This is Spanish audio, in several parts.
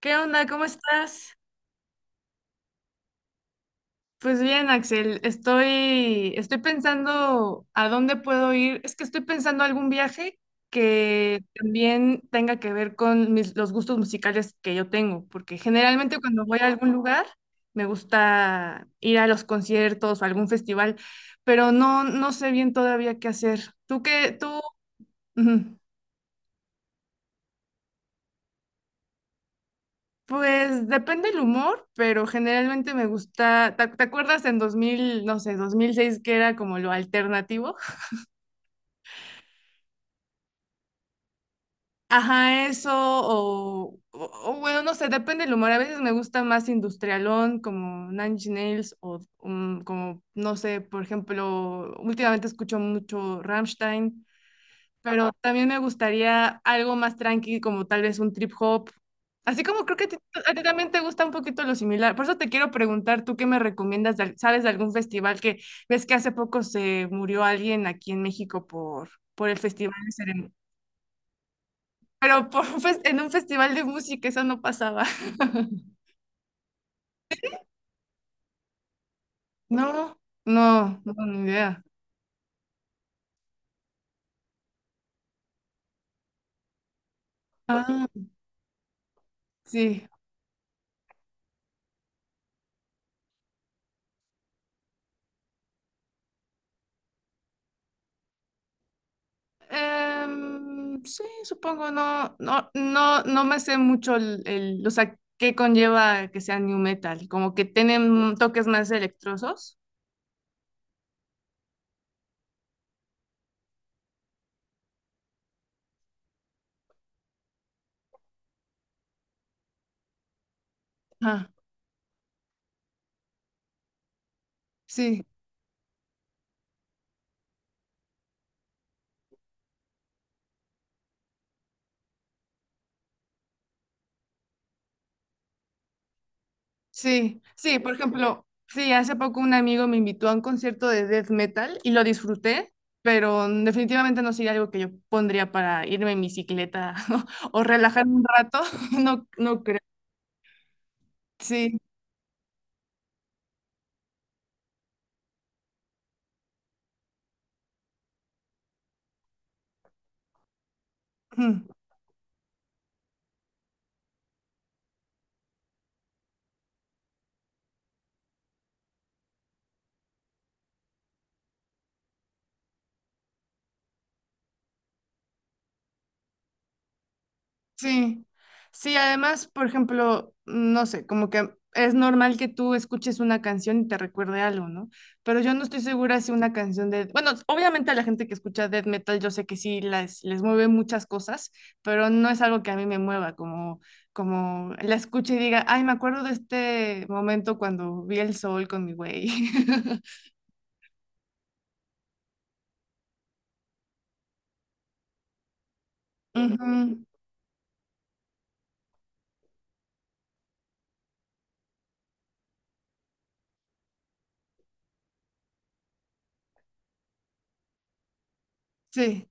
¿Qué onda? ¿Cómo estás? Pues bien, Axel, estoy pensando a dónde puedo ir. Es que estoy pensando algún viaje que también tenga que ver con los gustos musicales que yo tengo, porque generalmente cuando voy a algún lugar me gusta ir a los conciertos o algún festival, pero no sé bien todavía qué hacer. ¿Tú qué? ¿Tú? Ujú. Pues depende el humor, pero generalmente me gusta, te acuerdas en 2000 no sé, 2006 que era como lo alternativo? Ajá, eso, o bueno, no sé, depende el humor. A veces me gusta más industrialón, como Nine Inch Nails, o como, no sé, por ejemplo, últimamente escucho mucho Rammstein. Pero también me gustaría algo más tranqui, como tal vez un trip hop. Así como creo que a ti también te gusta un poquito lo similar. Por eso te quiero preguntar, ¿tú qué me recomiendas? ¿Sabes de algún festival que ves que hace poco se murió alguien aquí en México por el festival de Pero por en un festival de música eso no pasaba. No, no, no, ni idea. Ah, sí. Sí, supongo, no me sé mucho o sea, qué conlleva que sea new metal, como que tienen toques más electrosos. Ah, sí, sí, sí, por ejemplo, sí, hace poco un amigo me invitó a un concierto de death metal y lo disfruté, pero definitivamente no sería algo que yo pondría para irme en bicicleta o relajarme un rato, no, no creo. Sí. Sí, sí, además, por ejemplo, no sé, como que es normal que tú escuches una canción y te recuerde algo, ¿no? Pero yo no estoy segura si una canción de, bueno, obviamente a la gente que escucha death metal yo sé que sí les mueve muchas cosas, pero no es algo que a mí me mueva, como la escuche y diga, ay, me acuerdo de este momento cuando vi el sol con mi güey. Ujú, sí,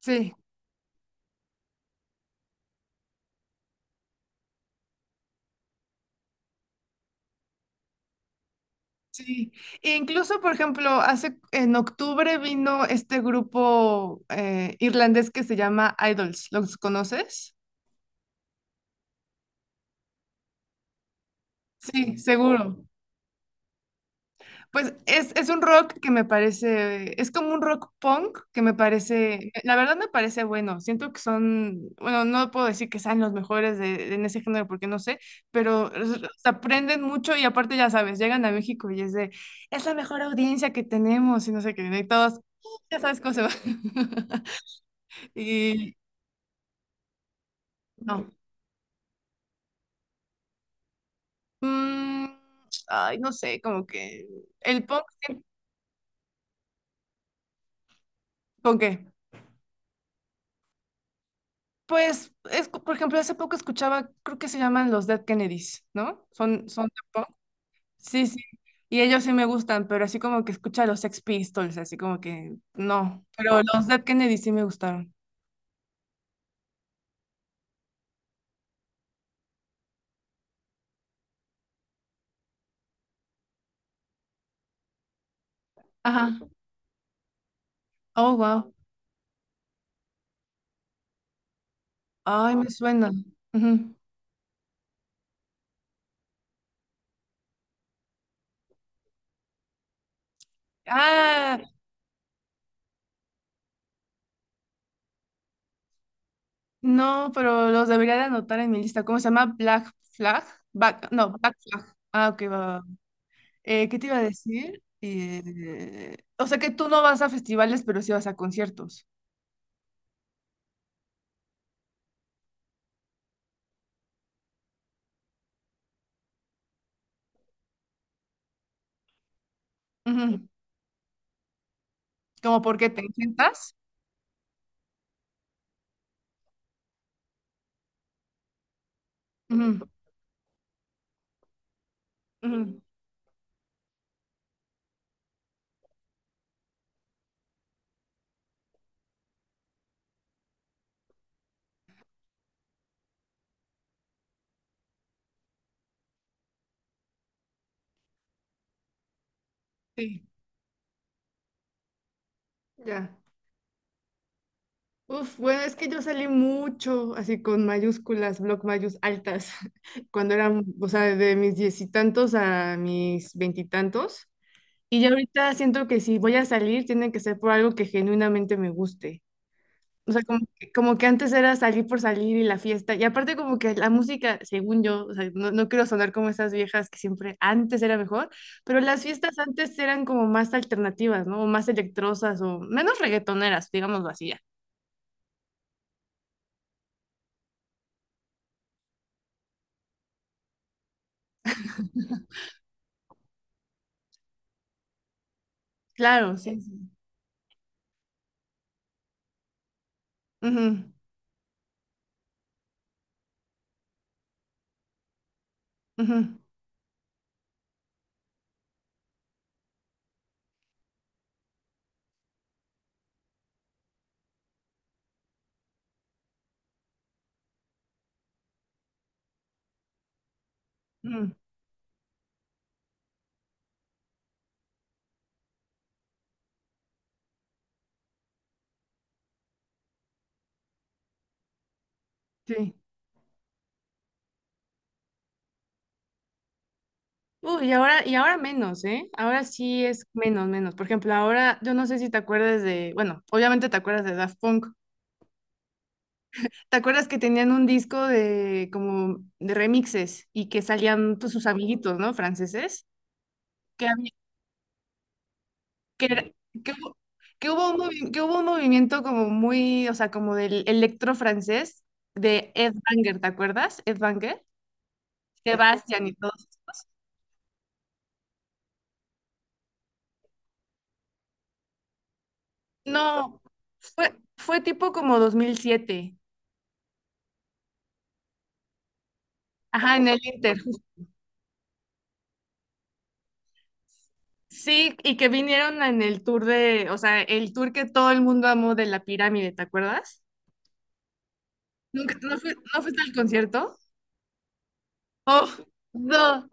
sí. Sí, e incluso por ejemplo, hace en octubre vino este grupo irlandés que se llama Idols, ¿los conoces? Sí, seguro. Es un rock que me parece, es como un rock punk que me parece, la verdad me parece bueno, siento que son, bueno, no puedo decir que sean los mejores en ese género porque no sé, pero se aprenden mucho y aparte ya sabes, llegan a México y es de, es la mejor audiencia que tenemos y no sé qué, y todos, ya sabes cómo se va. Y no. Mm, ay, no sé, como que el punk, sí, ¿con qué? Pues, por ejemplo, hace poco escuchaba, creo que se llaman los Dead Kennedys, ¿no? Son, son de punk. Sí, sí. Y ellos sí me gustan, pero así como que escucha los Sex Pistols, así como que no. Pero los Dead Kennedys sí me gustaron. Ajá. Oh, wow. Ay, me suena. Ujú. Ah, no, pero los debería de anotar en mi lista. ¿Cómo se llama? Black Flag. Back, no, Black Flag. Ah, ok, va. Va, va. ¿Qué te iba a decir? O sea que tú no vas a festivales, pero sí vas a conciertos. Ujú. ¿Cómo por qué te encantas? Sí, ya. Uf, bueno, es que yo salí mucho así con mayúsculas, bloc mayús altas, cuando eran, o sea, de mis diez y tantos a mis veintitantos. Y, tantos. Y ya ahorita siento que si voy a salir, tiene que ser por algo que genuinamente me guste. O sea, como que antes era salir por salir y la fiesta. Y aparte como que la música, según yo, o sea, no quiero sonar como esas viejas que siempre antes era mejor, pero las fiestas antes eran como más alternativas, ¿no? O más electrosas o menos reggaetoneras, digámoslo así ya. Claro, sí. sí. Ujú, ujú, ujú, sí. Uy, y ahora menos, ¿eh? Ahora sí es menos. Por ejemplo, ahora yo no sé si te acuerdas de, bueno, obviamente te acuerdas de Daft Punk. ¿Te acuerdas que tenían un disco de como de remixes y que salían pues, sus amiguitos, ¿no? Franceses, que, había- que, era- que hubo, que hubo un movimiento como muy, o sea, como del electro francés de Ed Banger, ¿te acuerdas? Ed Banger, Sebastián y todos estos. No, fue tipo como 2007. Ajá, en el Inter. Sí, y que vinieron en el tour de, o sea, el tour que todo el mundo amó de la pirámide, ¿te acuerdas? ¿Nunca, no, no fuiste al concierto? Oh, no.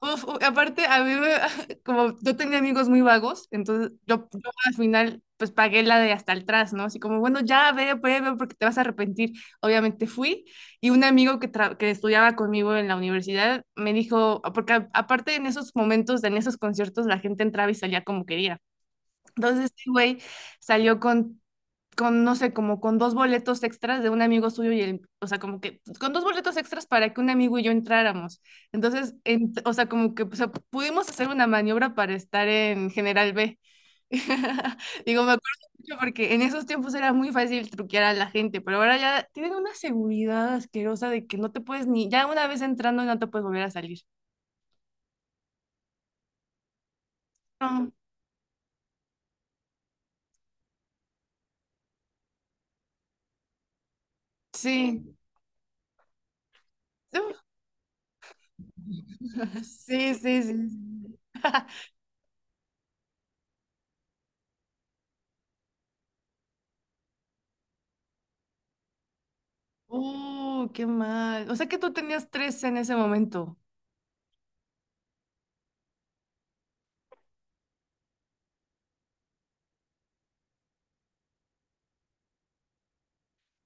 Uf, aparte, como yo tenía amigos muy vagos, entonces yo al final pues pagué la de hasta atrás, ¿no? Así como, bueno, ya ve, ve, ve, porque te vas a arrepentir. Obviamente fui y un amigo que estudiaba conmigo en la universidad me dijo, porque aparte en esos momentos, en esos conciertos, la gente entraba y salía como quería. Entonces, este güey salió con no sé, como con dos boletos extras de un amigo suyo y el, o sea, como que con dos boletos extras para que un amigo y yo entráramos. Entonces, o sea, como que o sea, pudimos hacer una maniobra para estar en General B. Digo, me acuerdo mucho porque en esos tiempos era muy fácil truquear a la gente, pero ahora ya tienen una seguridad asquerosa de que no te puedes ni, ya una vez entrando no te puedes volver a salir. No, sí. Sí, sí, sí. sí. Oh, qué mal. O sea que tú tenías tres en ese momento.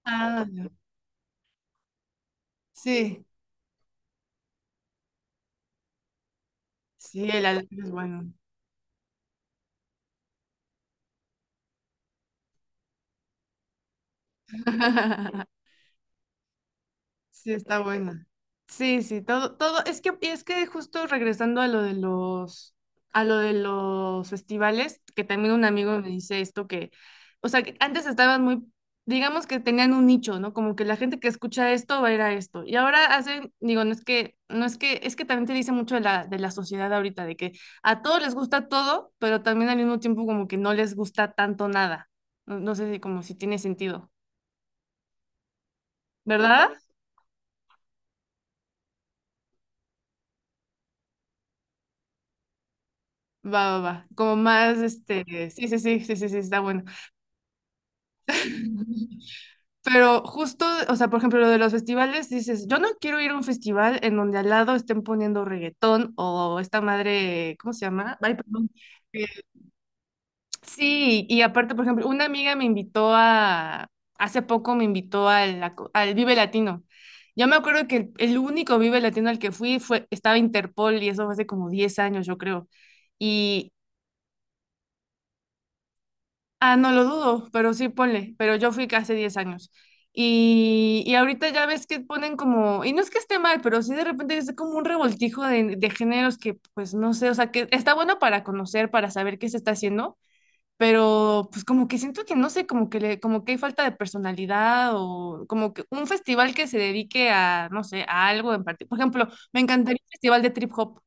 Ah, sí, sí, el alambre es bueno. Sí, está buena. Sí, sí, todo, todo, es que justo regresando a lo de los, a lo de los festivales, que también un amigo me dice esto que, o sea, que antes estaban muy, digamos que tenían un nicho, ¿no? Como que la gente que escucha esto va a ir a esto. Y ahora hacen, digo, no es que, no es que, es que también te dice mucho de de la sociedad ahorita, de que a todos les gusta todo, pero también al mismo tiempo como que no les gusta tanto nada. No, no sé si como si tiene sentido, ¿verdad? Va, va, va. Como más, este, sí, sí, sí, sí, sí, sí, está bueno. Pero justo, o sea, por ejemplo, lo de los festivales, dices, yo no quiero ir a un festival en donde al lado estén poniendo reggaetón o esta madre, ¿cómo se llama? Ay, perdón. Eh, Sí, y aparte, por ejemplo, una amiga me invitó a, hace poco me invitó al Vive Latino. Yo me acuerdo que el único Vive Latino al que fui fue, estaba Interpol y eso fue hace como 10 años, yo creo. Ah, no lo dudo, pero sí ponle, pero yo fui hace 10 años. Y ahorita ya ves que ponen como, y no es que esté mal, pero sí de repente es como un revoltijo de géneros que pues no sé, o sea, que está bueno para conocer, para saber qué se está haciendo, pero pues como que siento que no sé, como que le, como que hay falta de personalidad o como que un festival que se dedique a, no sé, a algo en particular. Por ejemplo, me encantaría un festival de trip hop.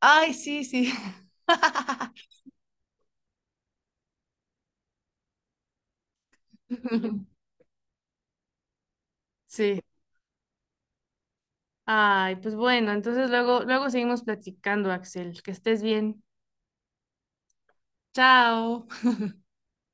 Ay, sí, sí. Sí. Ay, pues bueno, entonces luego, luego seguimos platicando, Axel. Que estés bien. Chao.